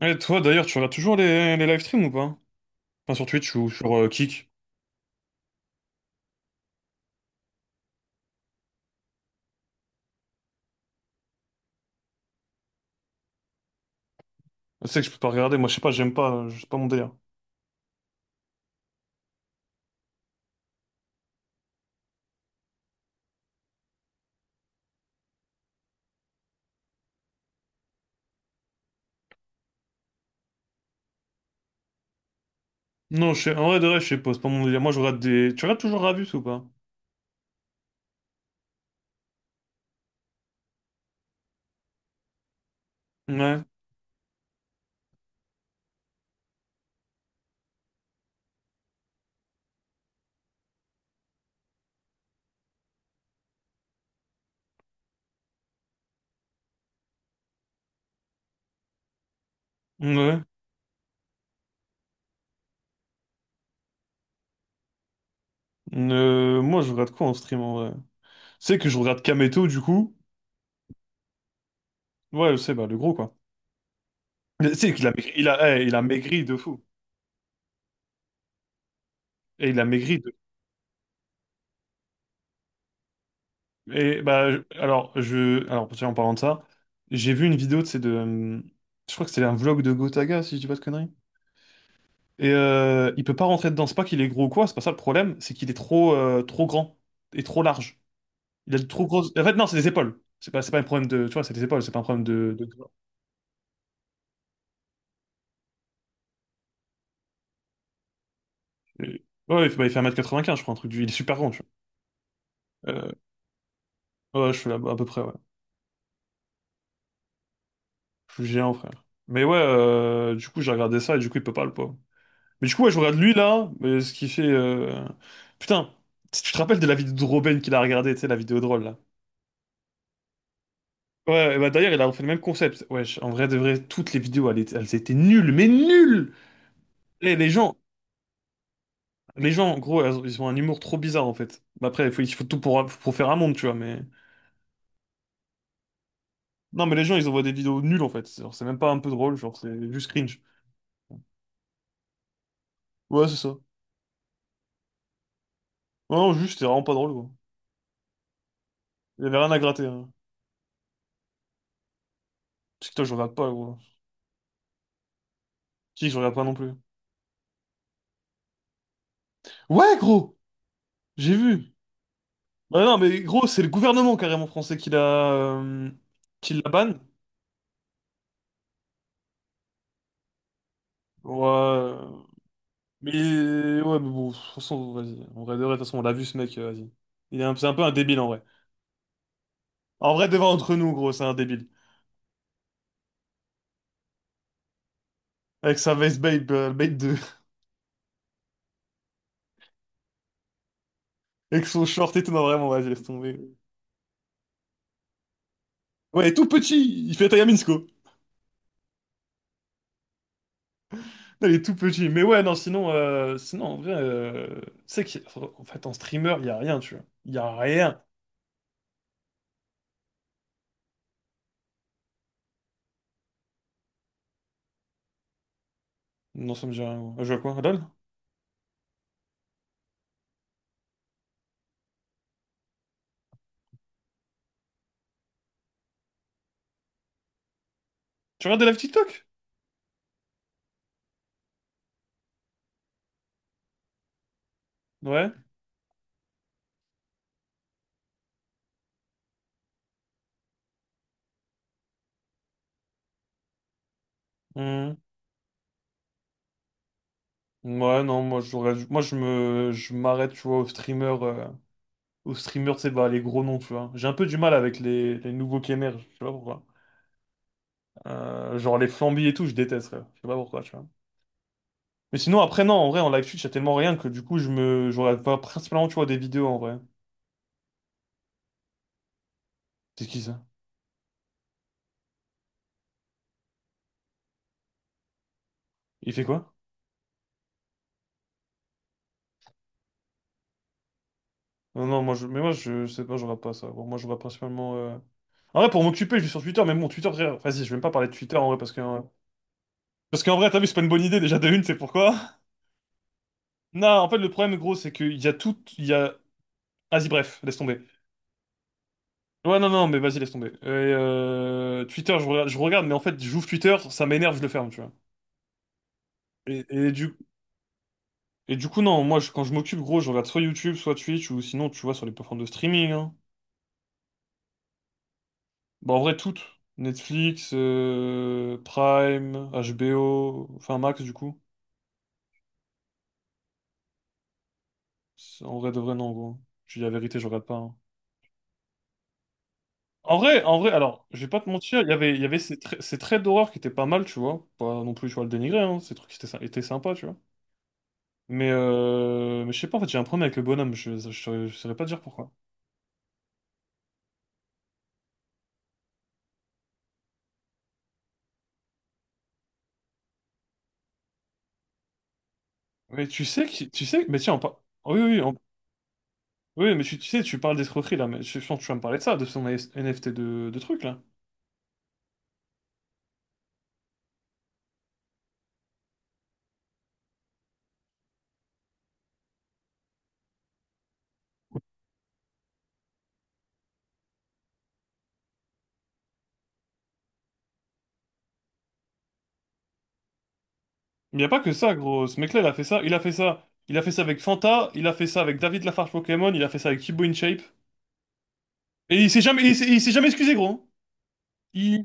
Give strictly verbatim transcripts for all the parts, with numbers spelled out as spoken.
Et toi d'ailleurs, tu regardes toujours les, les live streams ou pas? Enfin sur Twitch ou sur euh, Kick. Je sais que je peux pas regarder, moi je sais pas, j'aime pas, euh, c'est pas mon délire. Non, je sais, en vrai de vrai, je sais pas, c'est pas mon délire. Moi je regarde des. Tu regardes toujours Ravus ou pas? Ouais. Ouais. Euh, moi je regarde quoi en stream en vrai? C'est que je regarde Kameto du coup. Ouais, je sais, bah le gros quoi. Mais c'est qu'il a maigri, il a, eh, il a maigri de fou. Et il a maigri de. Et bah je- alors je. Alors tiens, en parlant de ça, j'ai vu une vidéo de c'est de. Euh, Je crois que c'était un vlog de Gotaga, si je dis pas de conneries. Et euh, il peut pas rentrer dedans. C'est pas qu'il est gros ou quoi, c'est pas ça le problème, c'est qu'il est trop, euh, trop grand et trop large. Il a de trop grosses. En fait, non, c'est des épaules. C'est pas, c'est pas un problème de. Tu vois, c'est des épaules, c'est pas un problème de. De... Euh, ouais, il fait bah, il fait un mètre quatre-vingt-quinze, je crois, un truc du. Il est super grand, tu vois. Euh, ouais, je suis là, à peu près, ouais. Je suis géant, frère. Mais ouais, euh, du coup, j'ai regardé ça et du coup, il peut pas, le pauvre. Mais du coup, ouais, je regarde lui là, mais ce qui fait. euh, Putain, si tu te rappelles de la vidéo de Robin qu'il a regardé, tu sais, la vidéo drôle là. Ouais, bah d'ailleurs, il a refait le même concept. Wesh, en vrai de vrai, toutes les vidéos, elles, étaient elles étaient nulles, mais nulles! Et les gens, les gens, en gros, elles ont- ils ont un humour trop bizarre, en fait. Bah après, il faut, il faut tout pour, pour faire un monde, tu vois, mais... Non, mais les gens, ils envoient des vidéos nulles, en fait. Genre, c'est même pas un peu drôle, genre, c'est juste cringe. Ouais, c'est ça. Ouais, non, juste, c'est vraiment pas drôle, quoi. Il y avait rien à gratter, hein. TikTok, je regarde pas, gros. Qui, je regarde pas non plus. Ouais, gros! J'ai vu! Bah non, mais gros, c'est le gouvernement, carrément, français, qui l'a... euh, qui l'a ban. Ouais... Mais euh, ouais, mais bon, de toute façon, vas-y. En vrai, de vrai, de toute façon, on l'a vu ce mec, euh, vas-y. Il est un, c'est un peu un débile en vrai. En vrai, devant entre nous, gros, c'est un débile. Avec sa veste babe, euh, babe deux avec son short et tout, non, vraiment, vas-y, laisse tomber. Ouais, il est tout petit, il fait la taille à Minsko. Non, il est tout petit. Mais ouais, non, sinon, euh, sinon en vrai, euh, tu sais qu'en fait, en streamer, il y a rien, tu vois. Il y a rien. Non, ça me dit rien. Moi, je vois quoi, LOL? Tu regardes de la TikTok? Ouais. Hmm. Ouais, non, moi, je, regarde- moi, je me, je m'arrête, tu vois, aux streamers. Aux streamers, tu sais, bah, les gros noms, tu vois. J'ai un peu du mal avec les, les nouveaux qui émergent, je sais pas pourquoi. Euh, genre les Flamby et tout, je déteste, frère. Je sais pas pourquoi, tu vois. Mais sinon, après, non, en vrai, en live Twitch, y a tellement rien que du coup, je me, je regarde pas principalement, tu vois, des vidéos, en vrai. C'est qui ça? Il fait quoi? Non, non, moi, je, mais moi, je, je sais pas, je regarde pas ça. Bon, moi, je regarde principalement, euh, en vrai, pour m'occuper, je suis sur Twitter, mais bon, Twitter, frère, vas-y, je vais même pas parler de Twitter, en vrai, parce que, euh, parce qu'en vrai, t'as vu, c'est pas une bonne idée, déjà, de une, c'est pourquoi? Non, en fait, le problème, gros, c'est qu'il y a tout, il y a... Vas-y, bref, laisse tomber. Ouais, non, non, mais vas-y, laisse tomber. Et, euh, Twitter, je regarde, je regarde, mais en fait, j'ouvre Twitter, ça m'énerve, je le ferme, tu vois. Et, et du, et du coup, non, moi, je- quand je m'occupe, gros, je regarde soit YouTube, soit Twitch, ou sinon, tu vois, sur les plateformes de streaming, hein. Bah, en vrai, toutes. Netflix, euh, Prime, H B O, enfin, Max, du coup. C'est- En vrai, de vrai, non, gros. Je dis la vérité, je regarde pas, hein. En vrai, en vrai, alors, je vais pas te mentir, il y avait, il y avait ces, tra- ces traits d'horreur qui étaient pas mal, tu vois. Pas non plus, tu vois, le dénigrer, hein. Ces trucs qui étaient, sy- étaient sympas, tu vois. Mais, euh, mais je sais pas, en fait, j'ai un problème avec le bonhomme, je, je, saurais je saurais pas te dire pourquoi. Mais tu sais que, tu sais, mais tiens, on par- oh, oui, oui, on- oui, mais tu, tu sais, tu parles d'escroquerie, là, mais je je pense que tu vas me parler de ça, de son A S N F T de, de truc, là. Il n'y a pas que ça, gros. Ce mec-là, il a fait ça. Il a fait ça. Il a fait ça avec Fanta. Il a fait ça avec David Lafarge Pokémon. Il a fait ça avec Thibaut InShape. Et il s'est jamais, il s'est il s'est jamais excusé, gros. Il,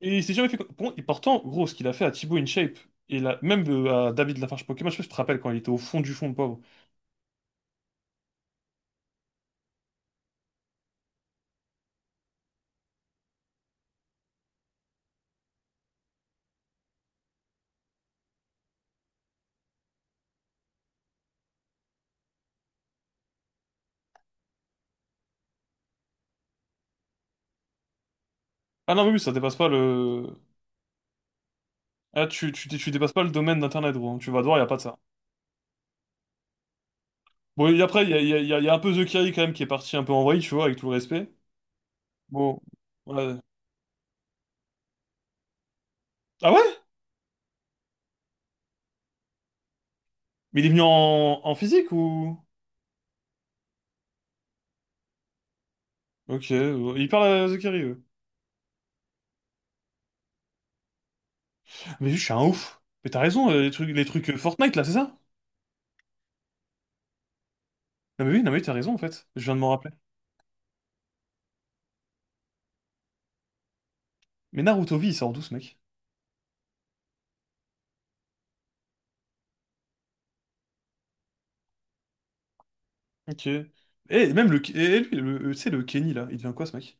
et il s'est jamais fait. Bon, et pourtant, gros, ce qu'il a fait à Thibaut InShape, et là, même euh, à David Lafarge Pokémon, je sais pas si tu te rappelles quand il était au fond du fond, le pauvre. Ah non, mais oui, ça dépasse pas le. Ah, tu, tu, tu dépasses pas le domaine d'Internet, gros, hein. Tu vas devoir, y a pas de ça. Bon, et après, il y a, y a- y a- y a un peu The Kerry quand même qui est parti un peu en vrille, tu vois, avec tout le respect. Bon. Ouais. Ah ouais? Mais il est venu en, en physique ou. Ok, ouais, il parle à The Kerry, ouais. Mais je suis un ouf. Mais t'as raison, euh, les trucs, les trucs euh, Fortnite là, c'est ça? Non mais oui, non mais oui, t'as raison en fait. Je viens de m'en rappeler. Mais Naruto V, il sort d'où ce mec? Ok. Et même le. Et lui, le, euh, tu sais, le Kenny là, il devient quoi ce mec?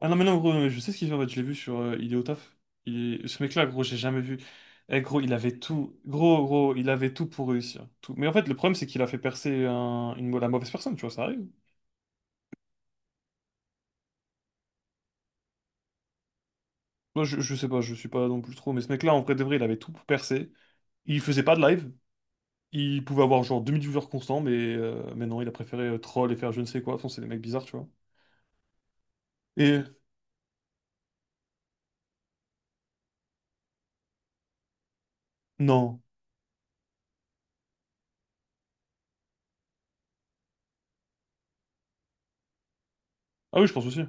Ah non, mais non, gros, je sais ce qu'il fait en fait, je l'ai vu sur euh, il est au taf. Il est- Ce mec-là, gros, j'ai jamais vu. Eh, gros, il avait tout. Gros, gros, il avait tout pour réussir. Tout. Mais en fait, le problème, c'est qu'il a fait percer un- une... la mauvaise personne, tu vois, ça arrive. Moi, je, je sais pas, je suis pas non plus trop, mais ce mec-là, en vrai de vrai, il avait tout pour percer. Il faisait pas de live. Il pouvait avoir genre deux mille viewers constants, mais, euh, mais non, il a préféré euh, troll et faire je ne sais quoi. Enfin, c'est des mecs bizarres, tu vois. Et non. Ah oui, je pense aussi.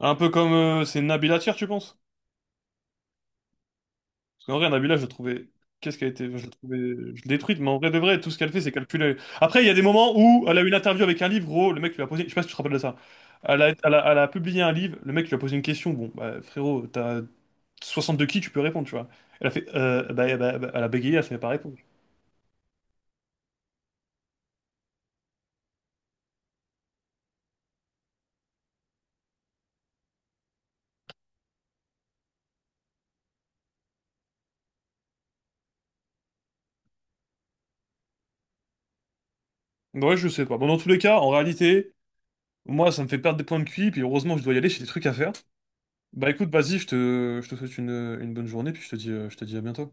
Un peu comme euh, c'est Nabil Attir, tu penses? En vrai, Nabila, je trouvais. Qu'est-ce qu'elle était. Je trouvais. Je l'ai détruite, mais en vrai de vrai, tout ce qu'elle fait, c'est calculer. Après, il y a des moments où elle a eu une interview avec un livre, gros, le mec lui a posé. Je sais pas si tu te rappelles de ça. Elle a, elle a- elle a publié un livre, le mec lui a posé une question. Bon, bah, frérot, t'as soixante-deux qui, tu peux répondre, tu vois. Elle a fait. Euh, bah, bah, bah, elle a bégayé, elle savait pas répondre. Ouais, je sais pas. Bon, dans tous les cas, en réalité, moi, ça me fait perdre des points de Q. QI, puis heureusement, je dois y aller, j'ai des trucs à faire. Bah, écoute, vas-y, je te, je te souhaite une, une bonne journée, puis je te dis, euh, je te dis à bientôt.